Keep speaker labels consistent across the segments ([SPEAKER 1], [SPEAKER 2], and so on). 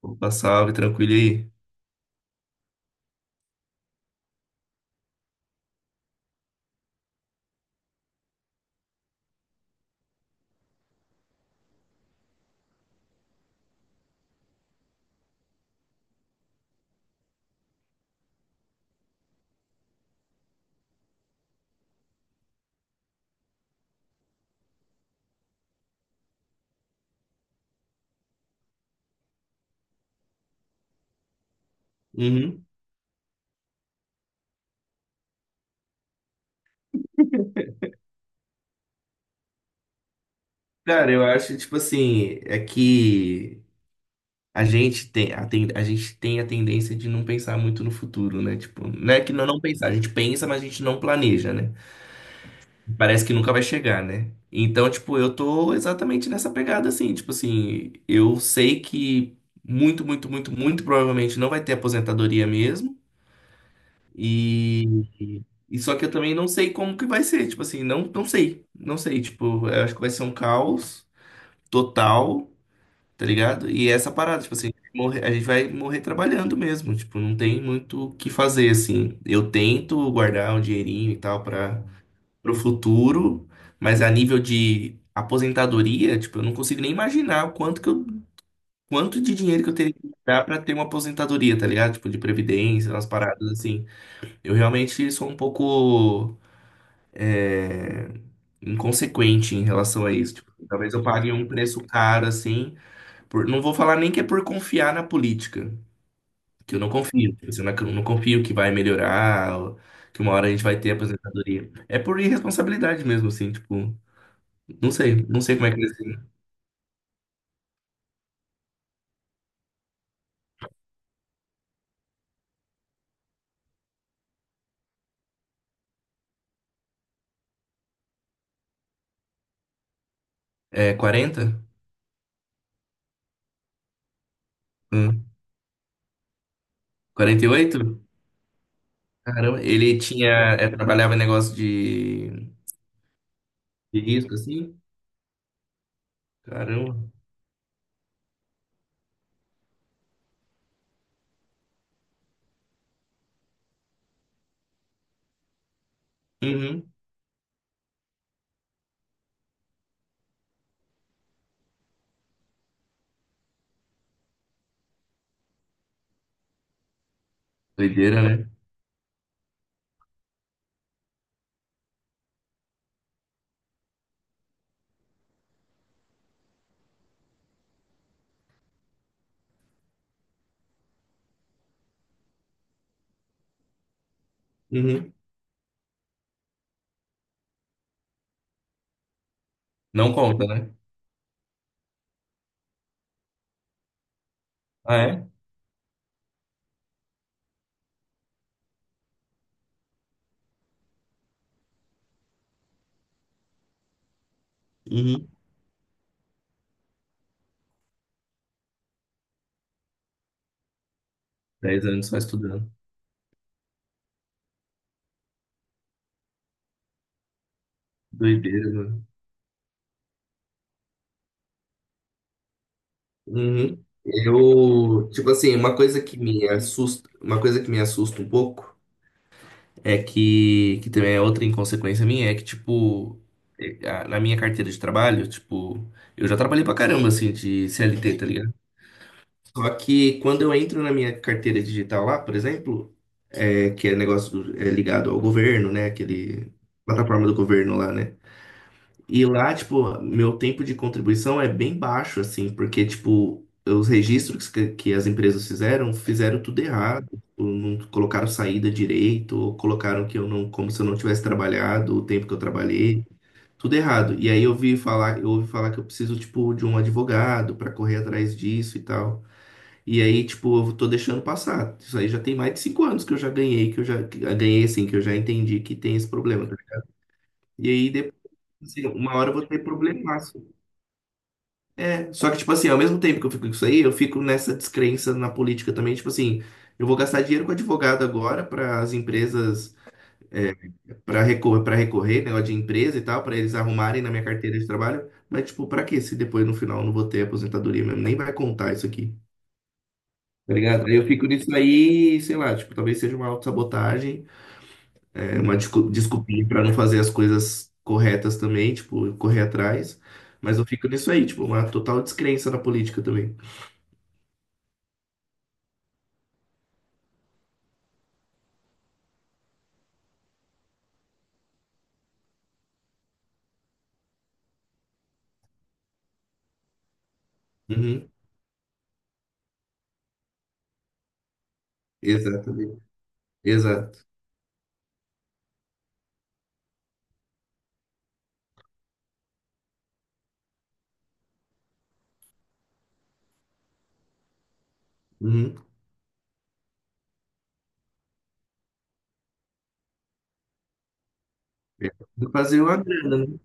[SPEAKER 1] Opa, salve, tranquilo aí? Uhum. Cara, eu acho, tipo assim, é que a gente tem a gente tem a tendência de não pensar muito no futuro, né? Tipo, não é que não pensar, a gente pensa, mas a gente não planeja, né? Parece que nunca vai chegar, né? Então, tipo, eu tô exatamente nessa pegada, assim, tipo assim, eu sei que muito provavelmente não vai ter aposentadoria mesmo. E, e só que eu também não sei como que vai ser, tipo assim, não sei, tipo, eu acho que vai ser um caos total. Tá ligado? E essa parada, tipo assim, a gente vai morrer trabalhando mesmo, tipo, não tem muito o que fazer, assim. Eu tento guardar um dinheirinho e tal para pro futuro, mas a nível de aposentadoria, tipo, eu não consigo nem imaginar o quanto que eu, quanto de dinheiro que eu teria que dar para ter uma aposentadoria, tá ligado? Tipo, de previdência, umas paradas assim. Eu realmente sou um pouco é, inconsequente em relação a isso. Tipo, talvez eu pague um preço caro, assim, não vou falar nem que é por confiar na política, que eu não confio. Tipo assim, eu não confio que vai melhorar, ou que uma hora a gente vai ter aposentadoria. É por irresponsabilidade mesmo, assim, tipo, não sei como é que eles têm. É 40? Hum, 48? Caramba, ele tinha, é, trabalhava em negócio de risco, assim? Caramba. Uhum. Doideira, né? Uhum. Não conta, né? Ah, é? Uhum. 10 anos só estudando. Doideira, né? Uhum. Eu, tipo assim, uma coisa que me assusta, uma coisa que me assusta um pouco é que também é outra inconsequência minha, é que, tipo, na minha carteira de trabalho, tipo, eu já trabalhei pra caramba, assim, de CLT, tá ligado? Só que quando eu entro na minha carteira digital lá, por exemplo, que é é ligado ao governo, né? Aquele plataforma do governo lá, né? E lá, tipo, meu tempo de contribuição é bem baixo, assim, porque, tipo, os registros que as empresas fizeram tudo errado. Tipo, não colocaram saída direito, ou colocaram que eu como se eu não tivesse trabalhado o tempo que eu trabalhei, tudo errado. E aí eu ouvi falar que eu preciso, tipo, de um advogado para correr atrás disso e tal. E aí, tipo, eu tô deixando passar. Isso aí já tem mais de cinco anos que eu já ganhei, que eu já que- ganhei, assim, que eu já entendi que tem esse problema. E aí, depois, assim, uma hora eu vou ter problema só que, tipo assim, ao mesmo tempo que eu fico com isso aí, eu fico nessa descrença na política também, tipo assim, eu vou gastar dinheiro com advogado agora para as empresas, para recorrer, negócio de empresa e tal, para eles arrumarem na minha carteira de trabalho, mas, tipo, pra quê? Se depois no final eu não vou ter aposentadoria mesmo, nem vai contar isso aqui. Tá ligado? Aí eu fico nisso aí, sei lá, tipo, talvez seja uma autossabotagem, é uma desculpinha pra não fazer as coisas corretas também, tipo, correr atrás. Mas eu fico nisso aí, tipo, uma total descrença na política também. Uhum. Exatamente. Exato. Uhum. É. Fazer uma grana, né?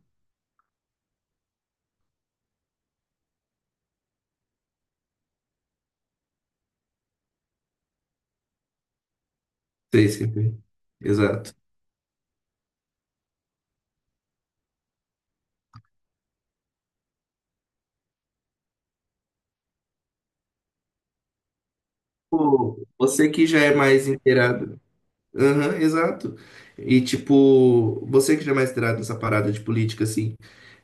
[SPEAKER 1] Sei, sempre. Exato. Pô, você que já é mais inteirado. Aham, exato. E, tipo, você que já é mais inteirado nessa parada de política, assim,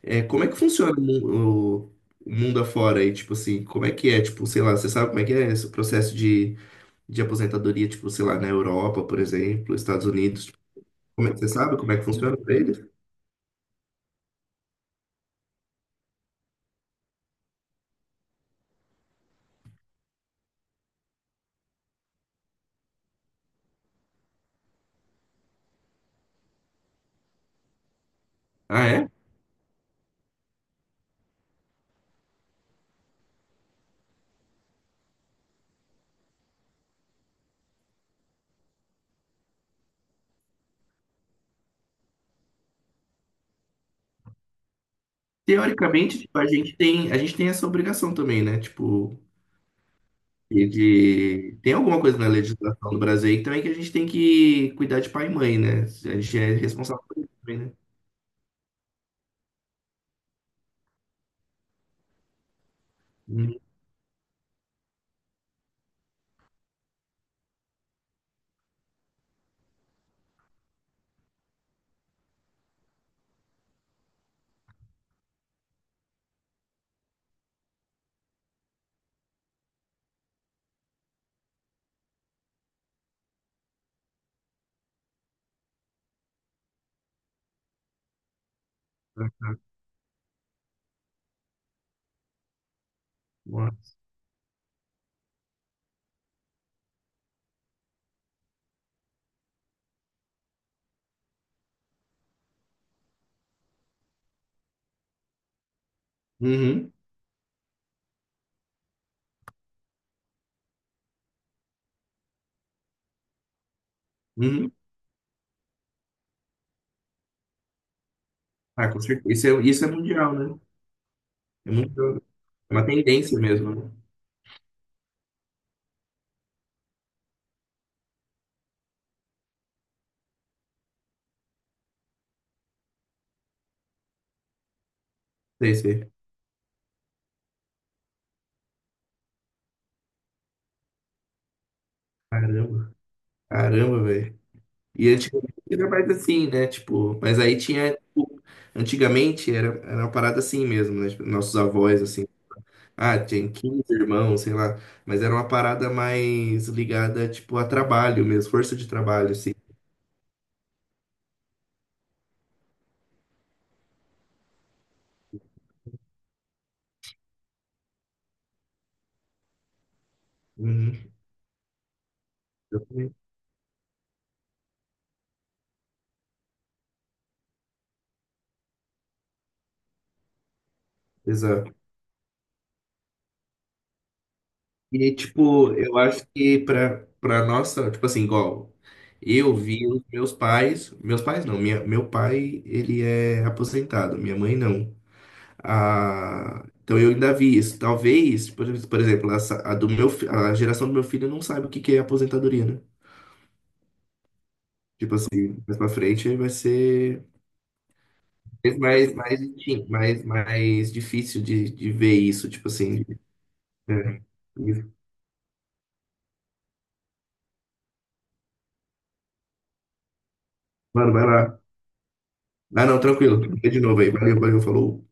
[SPEAKER 1] é, como é que funciona o mundo afora aí? Tipo assim, como é que é? Tipo, sei lá, você sabe como é que é esse processo de aposentadoria, tipo, sei lá, na Europa, por exemplo, Estados Unidos? Tipo, como é que você sabe como é que funciona pra eles? Ah, é? Teoricamente, tipo, a gente tem essa obrigação também, né? Tipo, e de... tem alguma coisa na legislação do Brasil aí também que a gente tem que cuidar de pai e mãe, né? A gente é responsável por isso também, né? Uhum, tá, tá, boa. Uhum. Uhum. Ah, com certeza. Isso é mundial, né? É mundial. É uma tendência mesmo, né? Sei, sei. Caramba, caramba, velho. E antigamente era mais assim, né? Tipo, mas aí tinha, tipo, antigamente era uma parada assim mesmo, né? Tipo, nossos avós, assim. Ah, tinha 15 irmãos, sei lá. Mas era uma parada mais ligada, tipo, a trabalho mesmo, força de trabalho, assim. Uhum, exatamente. Exato. E, tipo, eu acho que pra nossa, tipo assim, igual, eu vi os meus pais não, meu pai, ele é aposentado, minha mãe não. Ah, então eu ainda vi isso. Talvez, por exemplo, essa, a do a geração do meu filho não sabe o que que é aposentadoria, né? Tipo assim, mais pra frente vai ser. Mas enfim, mais difícil de ver isso, tipo assim. É, isso. Mano, vai lá. Ah, não, tranquilo. Fica de novo aí. Valeu, valeu, falou.